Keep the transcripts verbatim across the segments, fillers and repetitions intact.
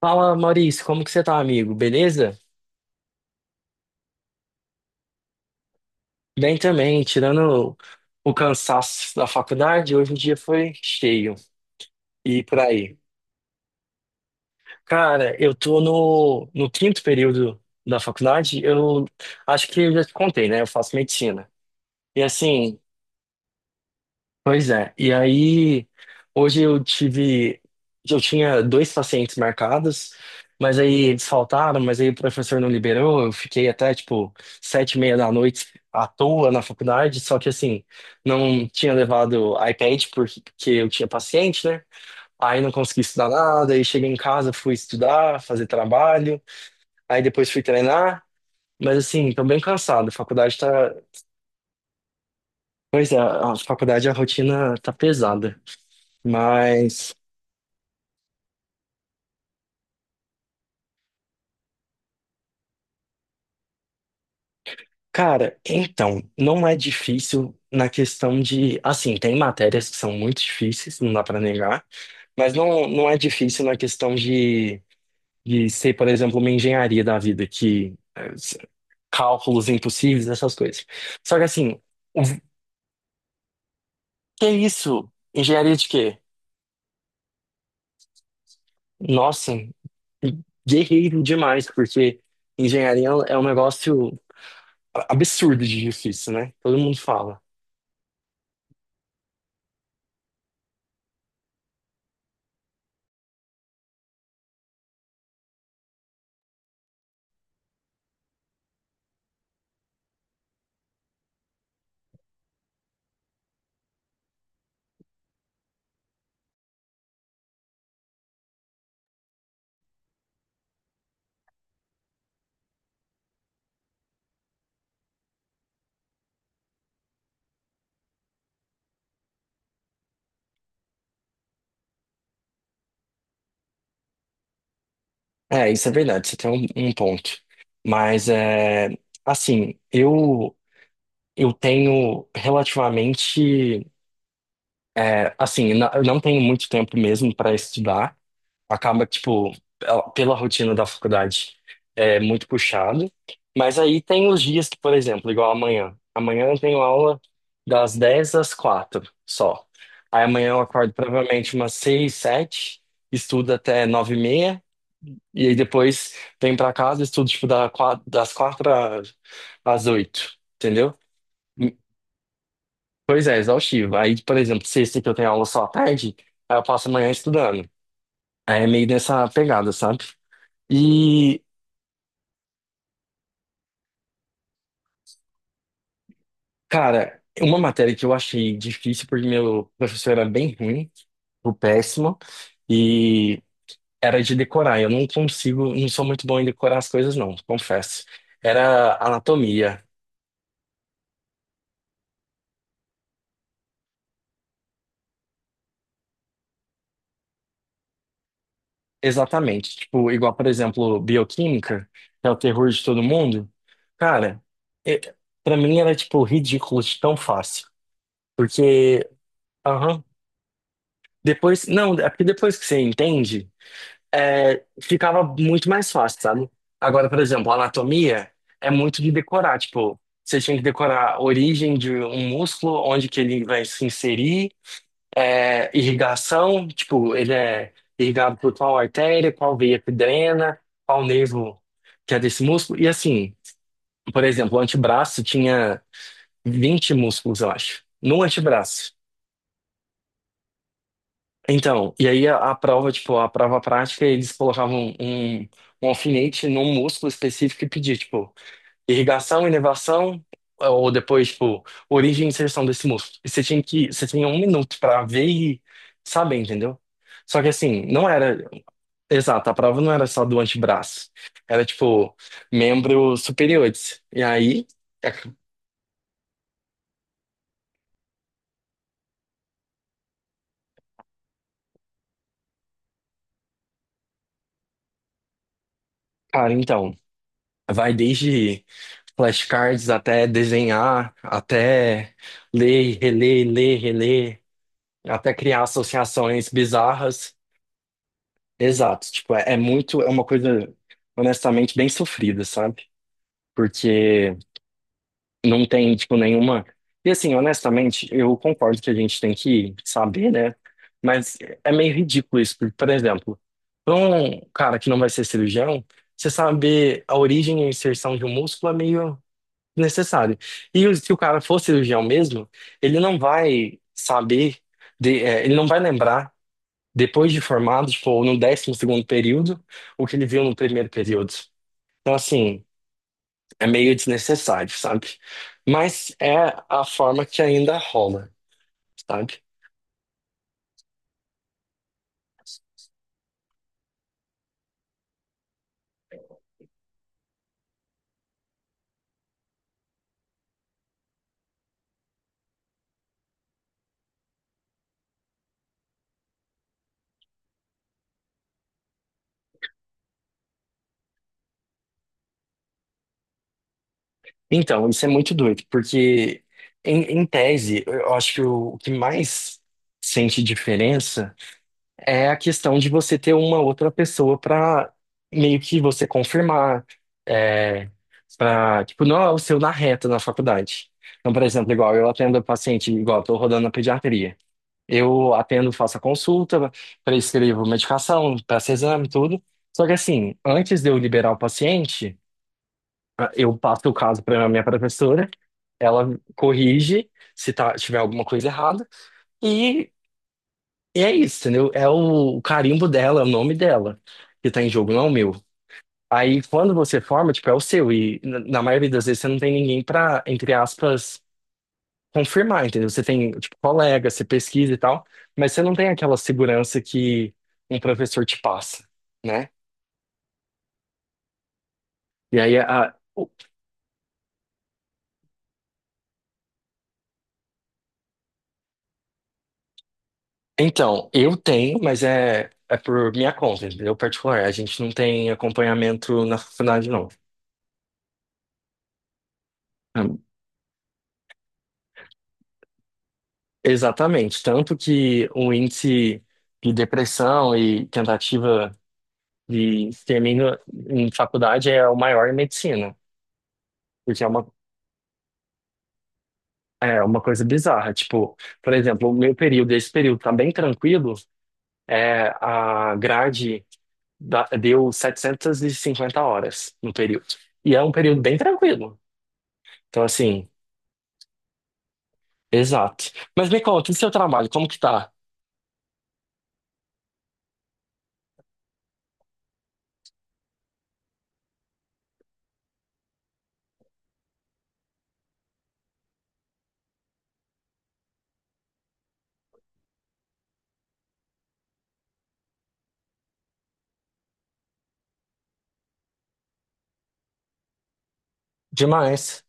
Fala, Maurício, como que você tá, amigo? Beleza? Bem também, tirando o, o cansaço da faculdade, hoje o dia foi cheio. E por aí. Cara, eu tô no, no quinto período da faculdade, eu acho que eu já te contei, né? Eu faço medicina. E assim. Pois é. E aí, hoje eu tive. Eu tinha dois pacientes marcados, mas aí eles faltaram, mas aí o professor não liberou. Eu fiquei até, tipo, sete e meia da noite à toa na faculdade. Só que, assim, não tinha levado iPad porque porque eu tinha paciente, né? Aí não consegui estudar nada. Aí cheguei em casa, fui estudar, fazer trabalho. Aí depois fui treinar. Mas, assim, tô bem cansado. A faculdade tá. Pois é, a faculdade, a rotina tá pesada. Mas. Cara, então, não é difícil na questão de, assim, tem matérias que são muito difíceis, não dá pra negar, mas não, não é difícil na questão de, de ser, por exemplo, uma engenharia da vida, que é, s- cálculos impossíveis, essas coisas. Só que assim, o que é isso? Engenharia de quê? Nossa, guerreiro demais, porque engenharia é um negócio absurdo de difícil, né? Todo mundo fala. É, isso é verdade, você tem um, um ponto. Mas, é, assim, eu, eu tenho relativamente. É, assim, eu não eu não tenho muito tempo mesmo para estudar. Acaba que, tipo, pela pela rotina da faculdade é muito puxado. Mas aí tem os dias que, por exemplo, igual amanhã. Amanhã eu tenho aula das dez às quatro só. Aí amanhã eu acordo provavelmente umas seis sete, estudo até nove e meia. E aí depois venho pra casa, e estudo, tipo, da qua- das quatro às às oito, entendeu? Pois é, exaustivo. Aí, por exemplo, sexta que eu tenho aula só à tarde, aí eu passo a manhã estudando. Aí é meio nessa pegada, sabe? E, cara, uma matéria que eu achei difícil, porque meu professor era bem ruim, o péssimo, e era de decorar. Eu não consigo, não sou muito bom em decorar as coisas, não, confesso. Era anatomia, exatamente. Tipo, igual, por exemplo, bioquímica, que é o terror de todo mundo. Cara, e- pra mim era, tipo, ridículo de tão fácil. Porque, aham, depois, não, é porque depois que você entende. É, ficava muito mais fácil, sabe? Agora, por exemplo, anatomia é muito de decorar, tipo, você tinha que decorar a origem de um músculo, onde que ele vai se inserir, é, irrigação, tipo, ele é irrigado por qual artéria, qual veia que drena, qual nervo que é desse músculo, e assim, por exemplo, o antebraço tinha vinte músculos, eu acho, no antebraço. Então, e aí a, a prova, tipo, a prova prática, eles colocavam um, um alfinete num músculo específico e pedia, tipo, irrigação, inervação, ou depois, tipo, origem e inserção desse músculo. E você tinha que, você tinha um minuto pra ver e saber, entendeu? Só que assim, não era, exato, a prova não era só do antebraço, era, tipo, membros superiores. E aí, é, cara, então. Vai desde flashcards até desenhar, até ler, reler, ler, reler, até criar associações bizarras. Exato, tipo, é, é muito, é uma coisa honestamente bem sofrida, sabe? Porque não tem, tipo, nenhuma. E assim, honestamente, eu concordo que a gente tem que saber, né? Mas é meio ridículo isso, porque, por exemplo, para um cara que não vai ser cirurgião, você saber a origem e a inserção de um músculo é meio necessário. E o- se o cara for cirurgião mesmo, ele não vai saber, de- é, ele não vai lembrar, depois de formado, tipo, no décimo segundo período, o que ele viu no primeiro período. Então, assim, é meio desnecessário, sabe? Mas é a forma que ainda rola, sabe? Então, isso é muito doido, porque, em, em tese, eu acho que o, o que mais sente diferença é a questão de você ter uma outra pessoa para meio que você confirmar, é, para, tipo, não é o seu na reta na faculdade. Então, por exemplo, igual eu atendo paciente, igual eu tô rodando na pediatria. Eu atendo, faço a consulta, prescrevo medicação, peço exame, tudo. Só que assim, antes de eu liberar o paciente, ah, eu passo o caso para minha professora, ela corrige se tá, tiver alguma coisa errada. e e é isso, entendeu? É o, o carimbo dela, é o nome dela que tá em jogo, não é o meu. Aí quando você forma, tipo, é o seu. E na na maioria das vezes você não tem ninguém pra, entre aspas, confirmar, entendeu? Você tem, tipo, colega, você pesquisa e tal, mas você não tem aquela segurança que um professor te passa, né? E aí, a, o- então, eu tenho, mas é, é por minha conta, entendeu? Particular. A gente não tem acompanhamento na faculdade, não. Exatamente. Tanto que o índice de depressão e tentativa de extermínio em faculdade é o maior em medicina, porque é uma, é uma coisa bizarra. Tipo, por exemplo, o meu período, esse período tá bem tranquilo, é, a grade da- deu setecentas e cinquenta horas no período. E é um período bem tranquilo. Então, assim. Exato. Mas me conta, e seu trabalho, como que tá? Demais.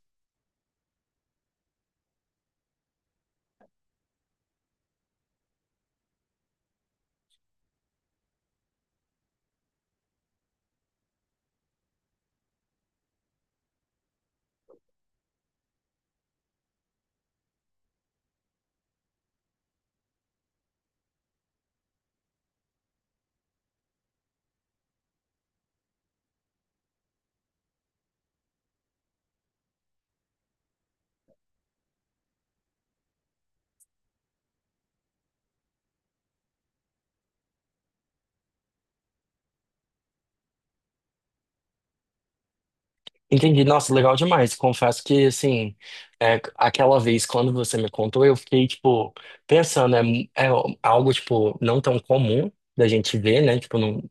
Entendi. Nossa, legal demais. Confesso que, assim, é, aquela vez quando você me contou, eu fiquei, tipo, pensando, é, mu- é algo, tipo, não tão comum da gente ver, né? Tipo, no,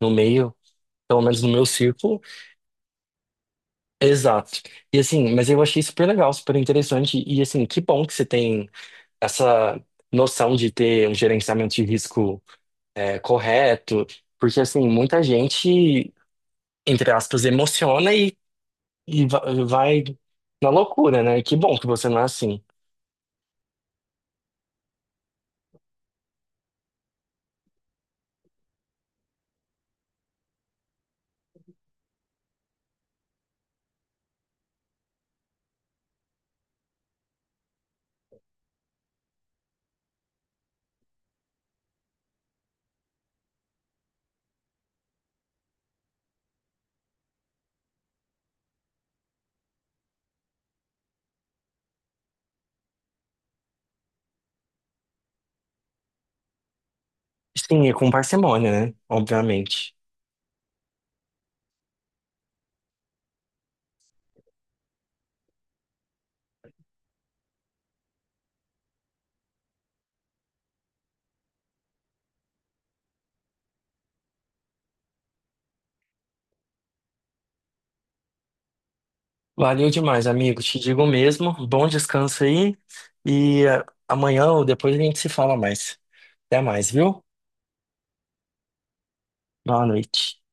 no meio, pelo menos no meu círculo. Exato. E assim, mas eu achei super legal, super interessante. E assim, que bom que você tem essa noção de ter um gerenciamento de risco é, correto, porque assim, muita gente, entre aspas, emociona e, e va- vai na loucura, né? Que bom que você não é assim. Sim, e com parcimônia, né? Obviamente. Valeu demais, amigo. Te digo mesmo. Bom descanso aí. E é, amanhã ou depois a gente se fala mais. Até mais, viu? Boa noite.